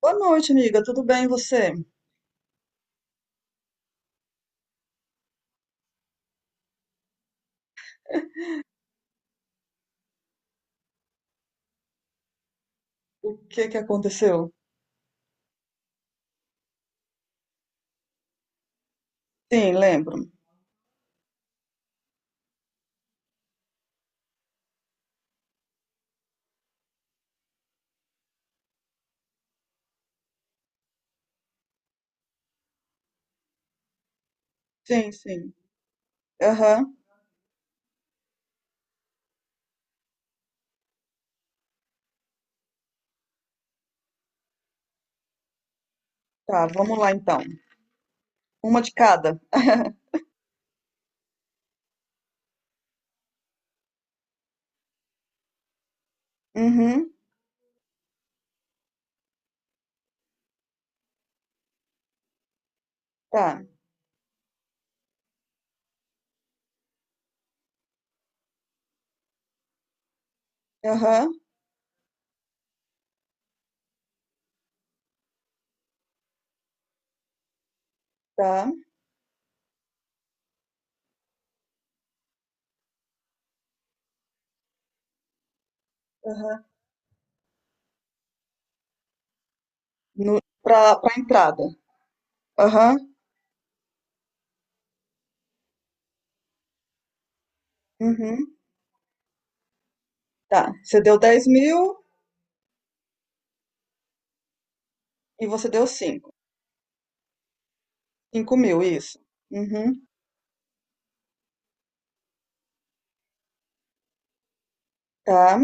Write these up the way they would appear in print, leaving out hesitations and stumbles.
Boa noite, amiga. Tudo bem, e você? O que que aconteceu? Sim, lembro. Sim, sim. Aham. Tá, vamos lá então. Uma de cada. Uhum. Tá. Aham. Tá. Aham. No, pra entrada. Aham. Uhum. Tá. Você deu 10 mil e você deu 5. 5 mil, isso. Uhum. Tá.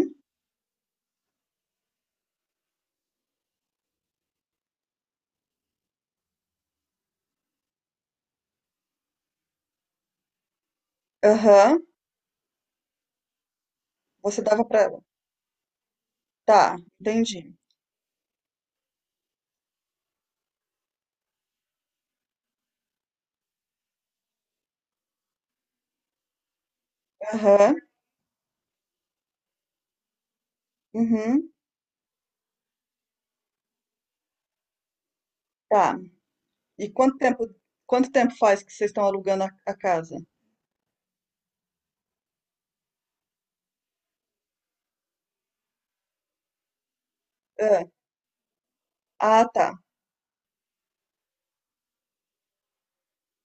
Aham. Você dava pra ela. Tá, entendi. Aham. Uhum. Tá. E quanto tempo faz que vocês estão alugando a casa? Hã. Ah, tá.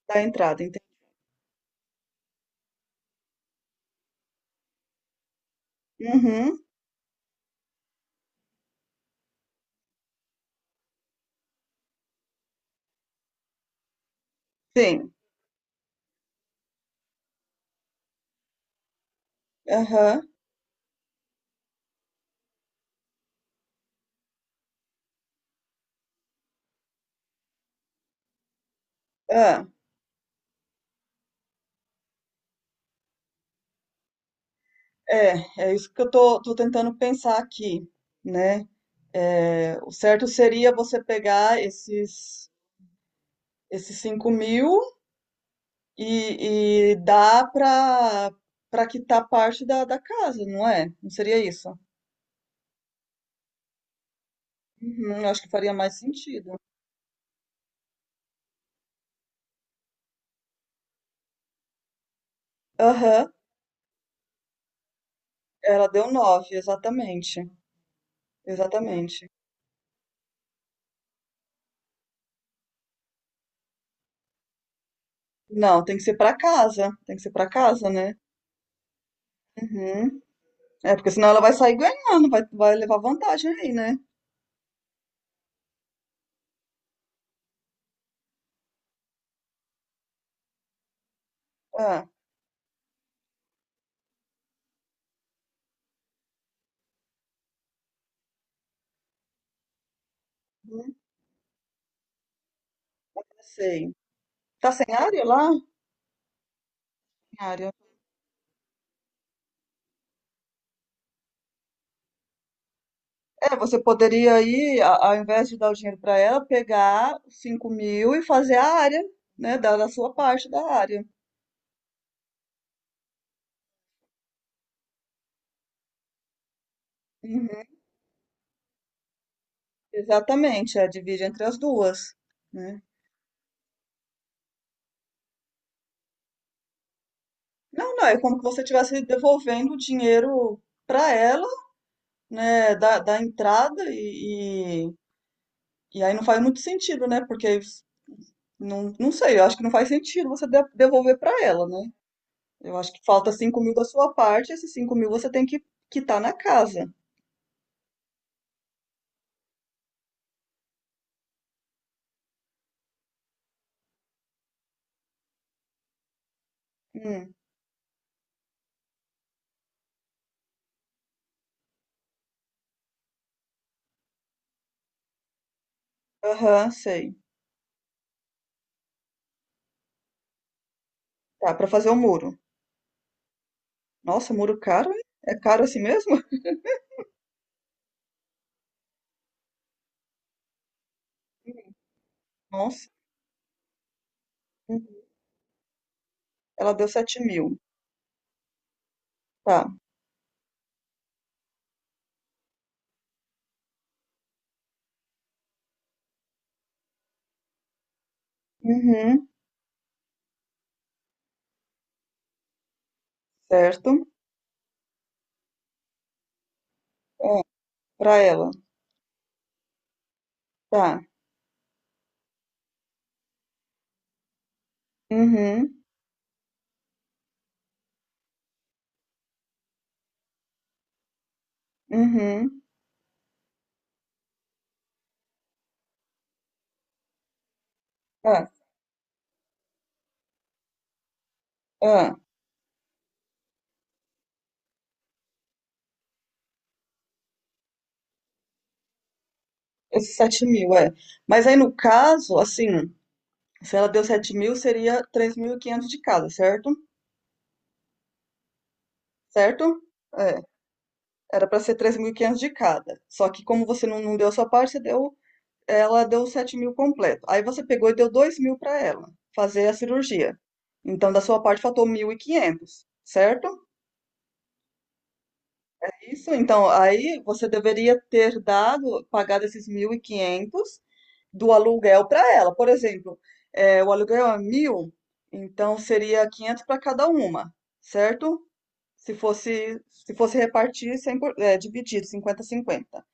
Da entrada, enten Uhum. Sim. Aham. Ah, é isso que eu tô tentando pensar aqui, né. Eh, o certo seria você pegar esses 5.000 e dar para, para quitar parte da casa, não é? Não seria isso? Uhum, eu acho que faria mais sentido. Aham. Ela deu 9, exatamente, exatamente. Não, tem que ser para casa, tem que ser para casa, né. Uhum. É, porque senão ela vai sair ganhando, vai, vai levar vantagem aí, né? Ah, não sei. Tá sem área lá? Sem área. É, você poderia aí, ao invés de dar o dinheiro para ela, pegar os 5 mil e fazer a área, né? Dar a sua parte da área. Uhum, exatamente, é, divide entre as duas, né? Não, não, é como que você estivesse devolvendo o dinheiro para ela, né? Da entrada e aí não faz muito sentido, né? Porque não, não sei, eu acho que não faz sentido você devolver para ela, né? Eu acho que falta cinco mil da sua parte, esses 5 mil você tem que quitar na casa. Hum, aham, sei. Tá, para fazer o muro. Nossa, muro caro, hein? É caro assim mesmo? Nossa, uhum, ela deu sete mil. Tá. Uhum, certo. Ah, pra ela. Tá. Uhum, uhum. Ah, ah, esses 7 mil, é. Mas aí no caso, assim, se ela deu 7 mil, seria 3.500 de casa, certo? Certo? É, era para ser 3.500 de cada. Só que como você não deu a sua parte, você deu, ela deu 7 mil completo. Aí você pegou e deu 2 mil para ela fazer a cirurgia. Então, da sua parte, faltou 1.500, certo? É, isso, então, aí você deveria ter dado, pagado esses 1.500 do aluguel para ela. Por exemplo, é, o aluguel é 1.000. Então seria 500 para cada uma, certo? Se fosse, se fosse repartir, cem por- é, dividido, 50 cinquenta.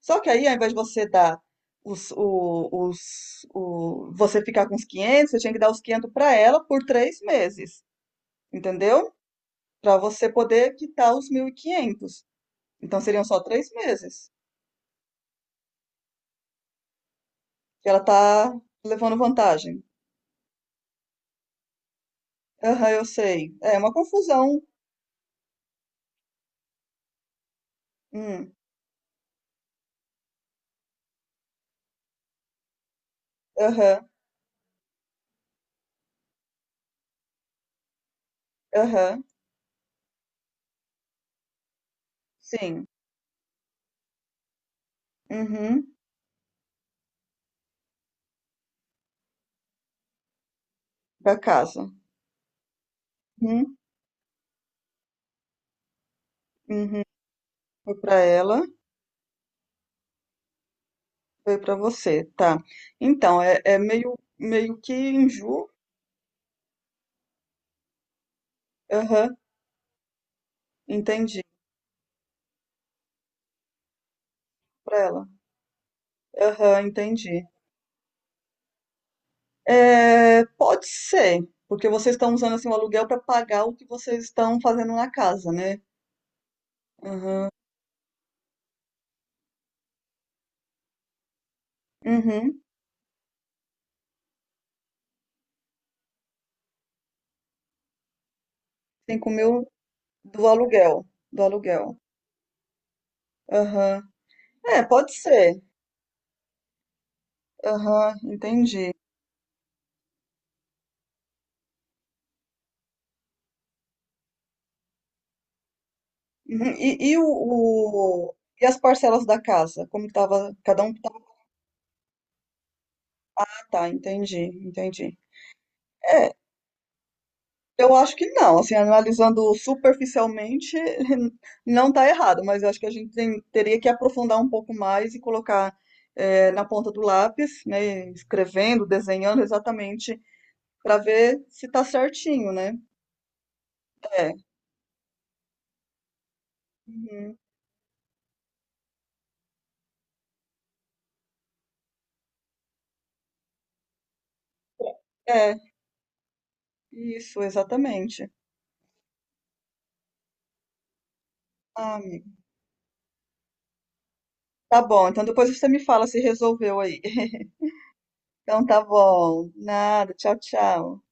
Só que aí, ao invés de você dar você ficar com os quinhentos, você tinha que dar os 500 para ela por três meses, entendeu? Para você poder quitar os mil e quinhentos. Então seriam só três meses que ela tá levando vantagem. Aham, eu sei. É uma confusão. Hum, Aham, aham, sim. Uhum, para casa. Uhum, uhum. Foi para ela. Foi pra você, tá. Então, é, é meio, meio que injusto. Aham, entendi. Para ela. Aham, entendi. É, pode ser, porque vocês estão usando assim, o aluguel para pagar o que vocês estão fazendo na casa, né? Aham. Uhum. 5 mil do aluguel. Do aluguel. Aham. É, pode ser. Aham, entendi. Uhum. E as parcelas da casa? Como que tava. Cada um tava. Tá, entendi, entendi. É, eu acho que não, assim, analisando superficialmente, não está errado, mas eu acho que a gente teria que aprofundar um pouco mais e colocar eh, na ponta do lápis, né, escrevendo, desenhando exatamente para ver se está certinho, né? É, uhum, é, isso, exatamente. Ah, tá bom, então depois você me fala se resolveu aí. Então tá bom, nada, tchau, tchau.